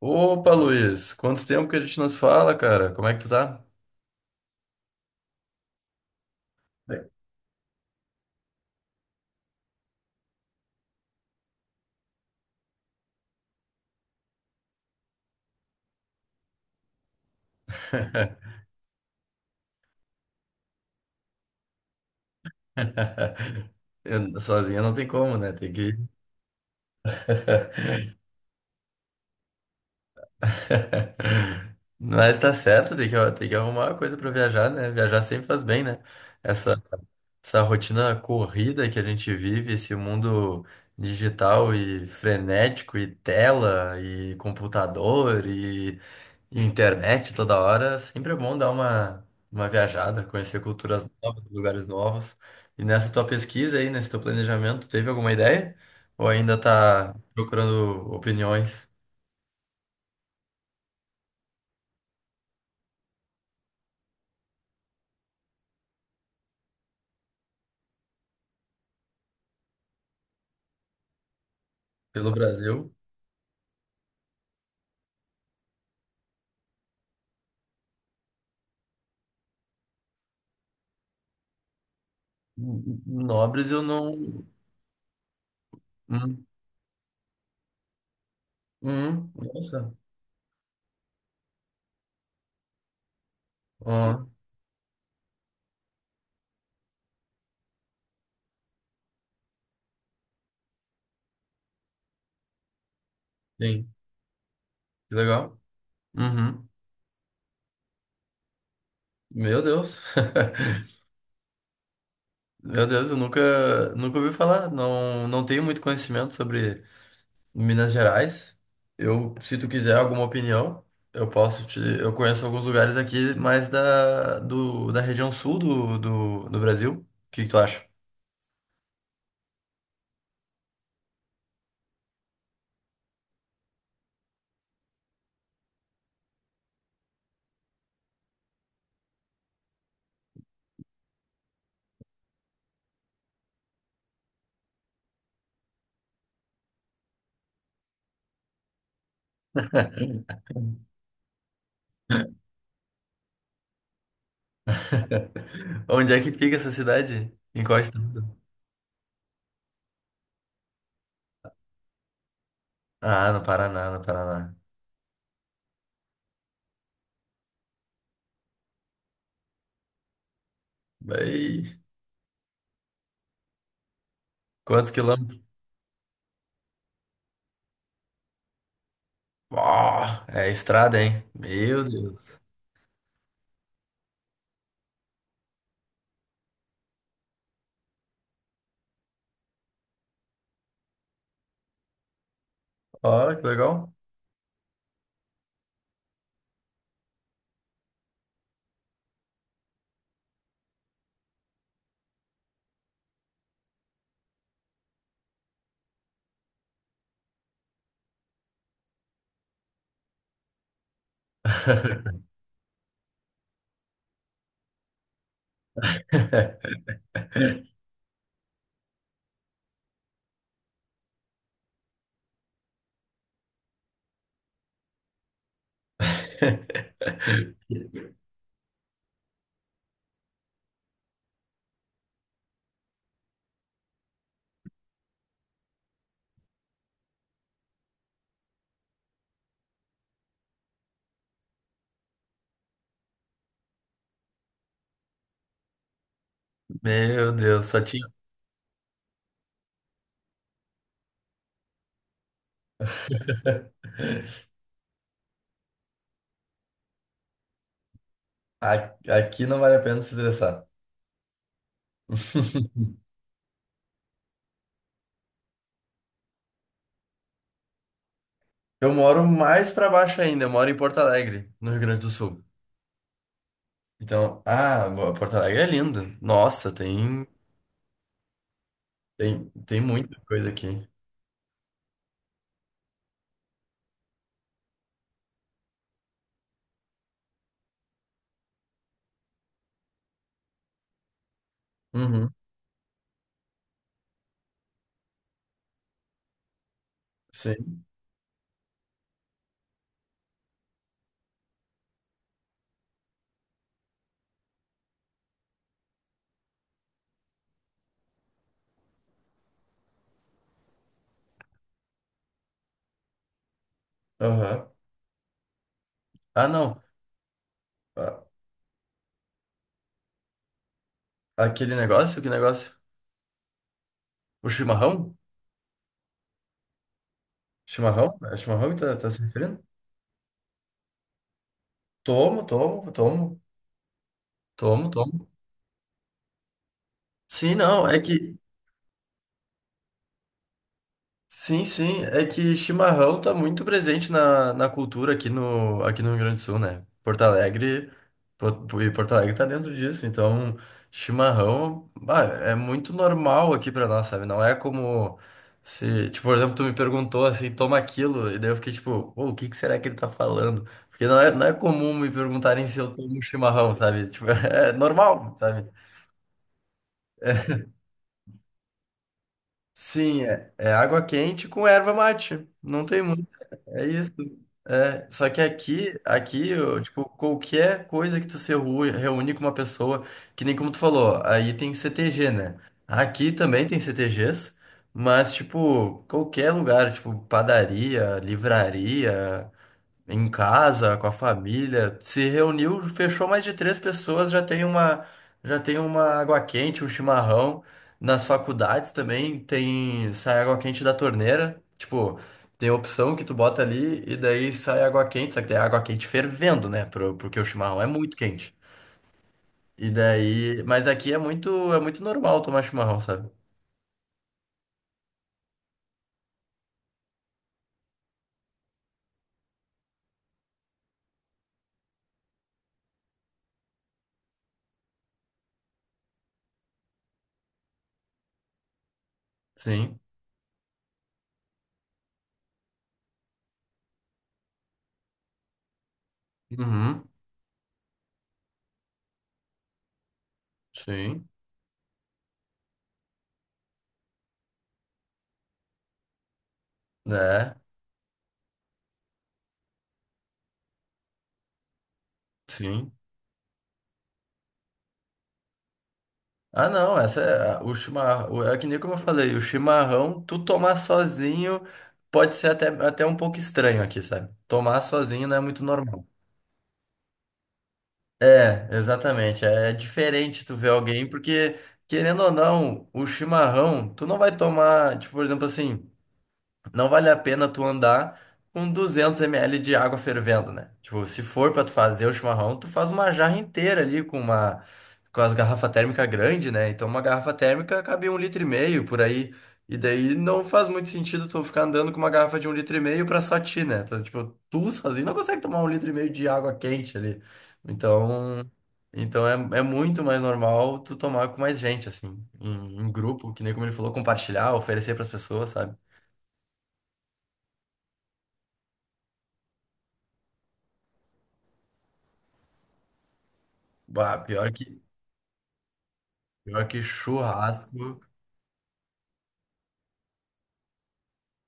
Opa, Luiz, quanto tempo que a gente nos fala, cara? Como é que tu tá? É. Sozinha não tem como, né? Tem que. Mas tá certo, tem que arrumar uma coisa pra viajar, né? Viajar sempre faz bem, né? Essa, essa rotina corrida que a gente vive, esse mundo digital e frenético, e tela, e computador, e internet toda hora, sempre é bom dar uma viajada, conhecer culturas novas, lugares novos. E nessa tua pesquisa aí, nesse teu planejamento, teve alguma ideia? Ou ainda tá procurando opiniões pelo Brasil? N- Nobres eu não. Hum, nossa. Ó, sim, que legal. Uhum. Meu Deus. Meu Deus, eu nunca, nunca ouvi falar. Não, não tenho muito conhecimento sobre. Em Minas Gerais. Eu, se tu quiser alguma opinião, eu posso te. Eu conheço alguns lugares aqui mais da região sul do Brasil. O que que tu acha? Onde é que fica essa cidade? Em qual estado? Ah, no Paraná, no Paraná. Bem, quantos quilômetros? Ó, é estrada, hein? Meu Deus. Ó, que legal. Meu Deus, só tinha. Aqui não vale a pena se estressar. Eu moro mais pra baixo ainda, eu moro em Porto Alegre, no Rio Grande do Sul. Então, ah, Porto Alegre é lindo. Nossa, tem muita coisa aqui. Uhum, sim. Aham. Ah, não. Ah, aquele negócio, que negócio? O chimarrão? Chimarrão? É chimarrão que tá se referindo? Tomo, tomo, tomo, tomo, tomo. Sim, não, é que. Sim, sim. É que chimarrão tá muito presente na cultura aqui aqui no Rio Grande do Sul, né? Porto Alegre, e Porto Alegre tá dentro disso, então chimarrão, bah, é muito normal aqui pra nós, sabe? Não é como se, tipo, por exemplo, tu me perguntou assim, toma aquilo, e daí eu fiquei tipo, "Pô, o que que será que ele tá falando? Porque não é comum me perguntarem se eu tomo chimarrão, sabe?" Tipo, é normal, sabe? Sim, é água quente com erva mate. Não tem. É isso. É, só que aqui, eu, tipo, qualquer coisa que tu se reúne com uma pessoa, que nem como tu falou, aí tem CTG, né? Aqui também tem CTGs, mas, tipo, qualquer lugar, tipo, padaria, livraria, em casa, com a família, se reuniu, fechou mais de três pessoas, já tem uma água quente, um chimarrão. Nas faculdades também tem, sai água quente da torneira, tipo, tem opção que tu bota ali e daí sai água quente, só que tem água quente fervendo, né, porque o chimarrão é muito quente. E daí, mas aqui é muito, normal tomar chimarrão, sabe? Sim. Uhum. Sim. É. Sim. Ah, não, essa é o chimarrão. É que nem como eu falei, o chimarrão, tu tomar sozinho pode ser até um pouco estranho aqui, sabe? Tomar sozinho não é muito normal. É, exatamente. É diferente tu ver alguém, porque, querendo ou não, o chimarrão, tu não vai tomar, tipo, por exemplo, assim. Não vale a pena tu andar com 200 ml de água fervendo, né? Tipo, se for pra tu fazer o chimarrão, tu faz uma jarra inteira ali com as garrafa térmica grande, né? Então uma garrafa térmica cabe um litro e meio por aí. E daí não faz muito sentido tu ficar andando com uma garrafa de um litro e meio pra só ti, né? Então, tipo, tu sozinho não consegue tomar um litro e meio de água quente ali. Então, então é muito mais normal tu tomar com mais gente, assim, em grupo, que nem como ele falou, compartilhar, oferecer pras pessoas, sabe? Bah, pior que churrasco,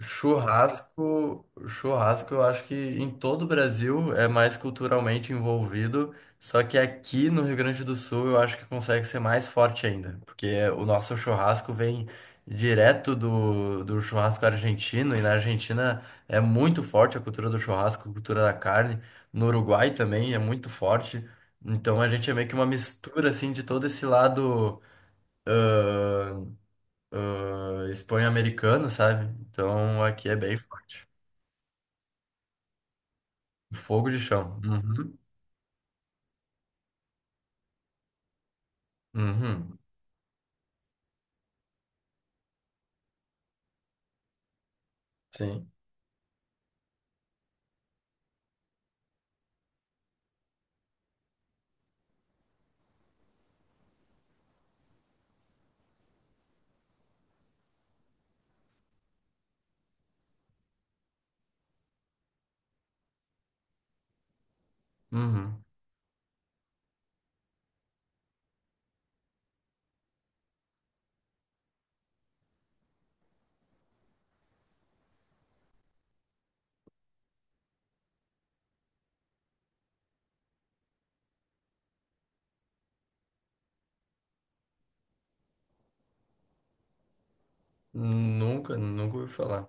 eu acho que em todo o Brasil é mais culturalmente envolvido, só que aqui no Rio Grande do Sul eu acho que consegue ser mais forte ainda, porque o nosso churrasco vem direto do churrasco argentino, e na Argentina é muito forte a cultura do churrasco, a cultura da carne, no Uruguai também é muito forte, então a gente é meio que uma mistura, assim, de todo esse lado Espanha americana, sabe? Então aqui é bem forte. Fogo de chão. Uhum. Uhum. Sim. Uhum. Nunca, nunca ouvi falar.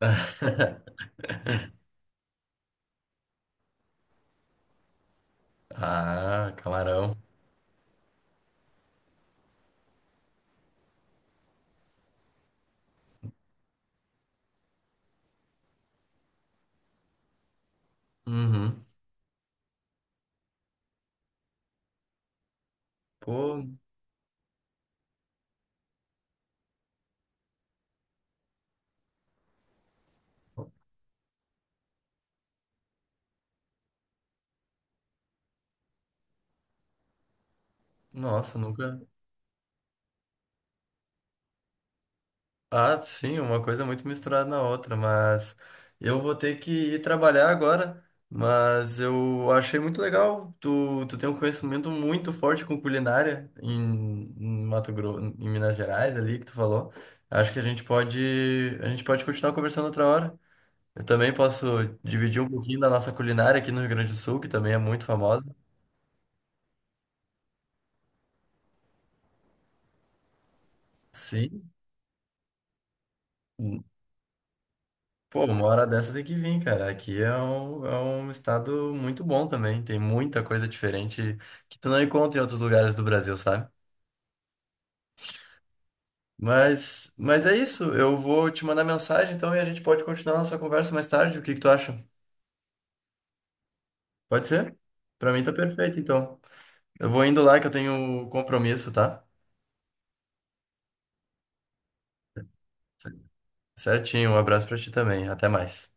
Ah, camarão. Uhum. Pô, nossa, nunca. Ah, sim, uma coisa muito misturada na outra, mas eu vou ter que ir trabalhar agora, mas eu achei muito legal, tu tem um conhecimento muito forte com culinária em Mato Grosso, em Minas Gerais ali que tu falou. Acho que a gente pode continuar conversando outra hora. Eu também posso dividir um pouquinho da nossa culinária aqui no Rio Grande do Sul, que também é muito famosa. Sim. Pô, uma hora dessa tem que vir, cara. Aqui é um estado muito bom também. Tem muita coisa diferente que tu não encontra em outros lugares do Brasil, sabe? Mas é isso. Eu vou te mandar mensagem então e a gente pode continuar nossa conversa mais tarde. O que que tu acha? Pode ser? Pra mim tá perfeito, então. Eu vou indo lá que eu tenho um compromisso, tá? Certinho. Um abraço pra ti também. Até mais.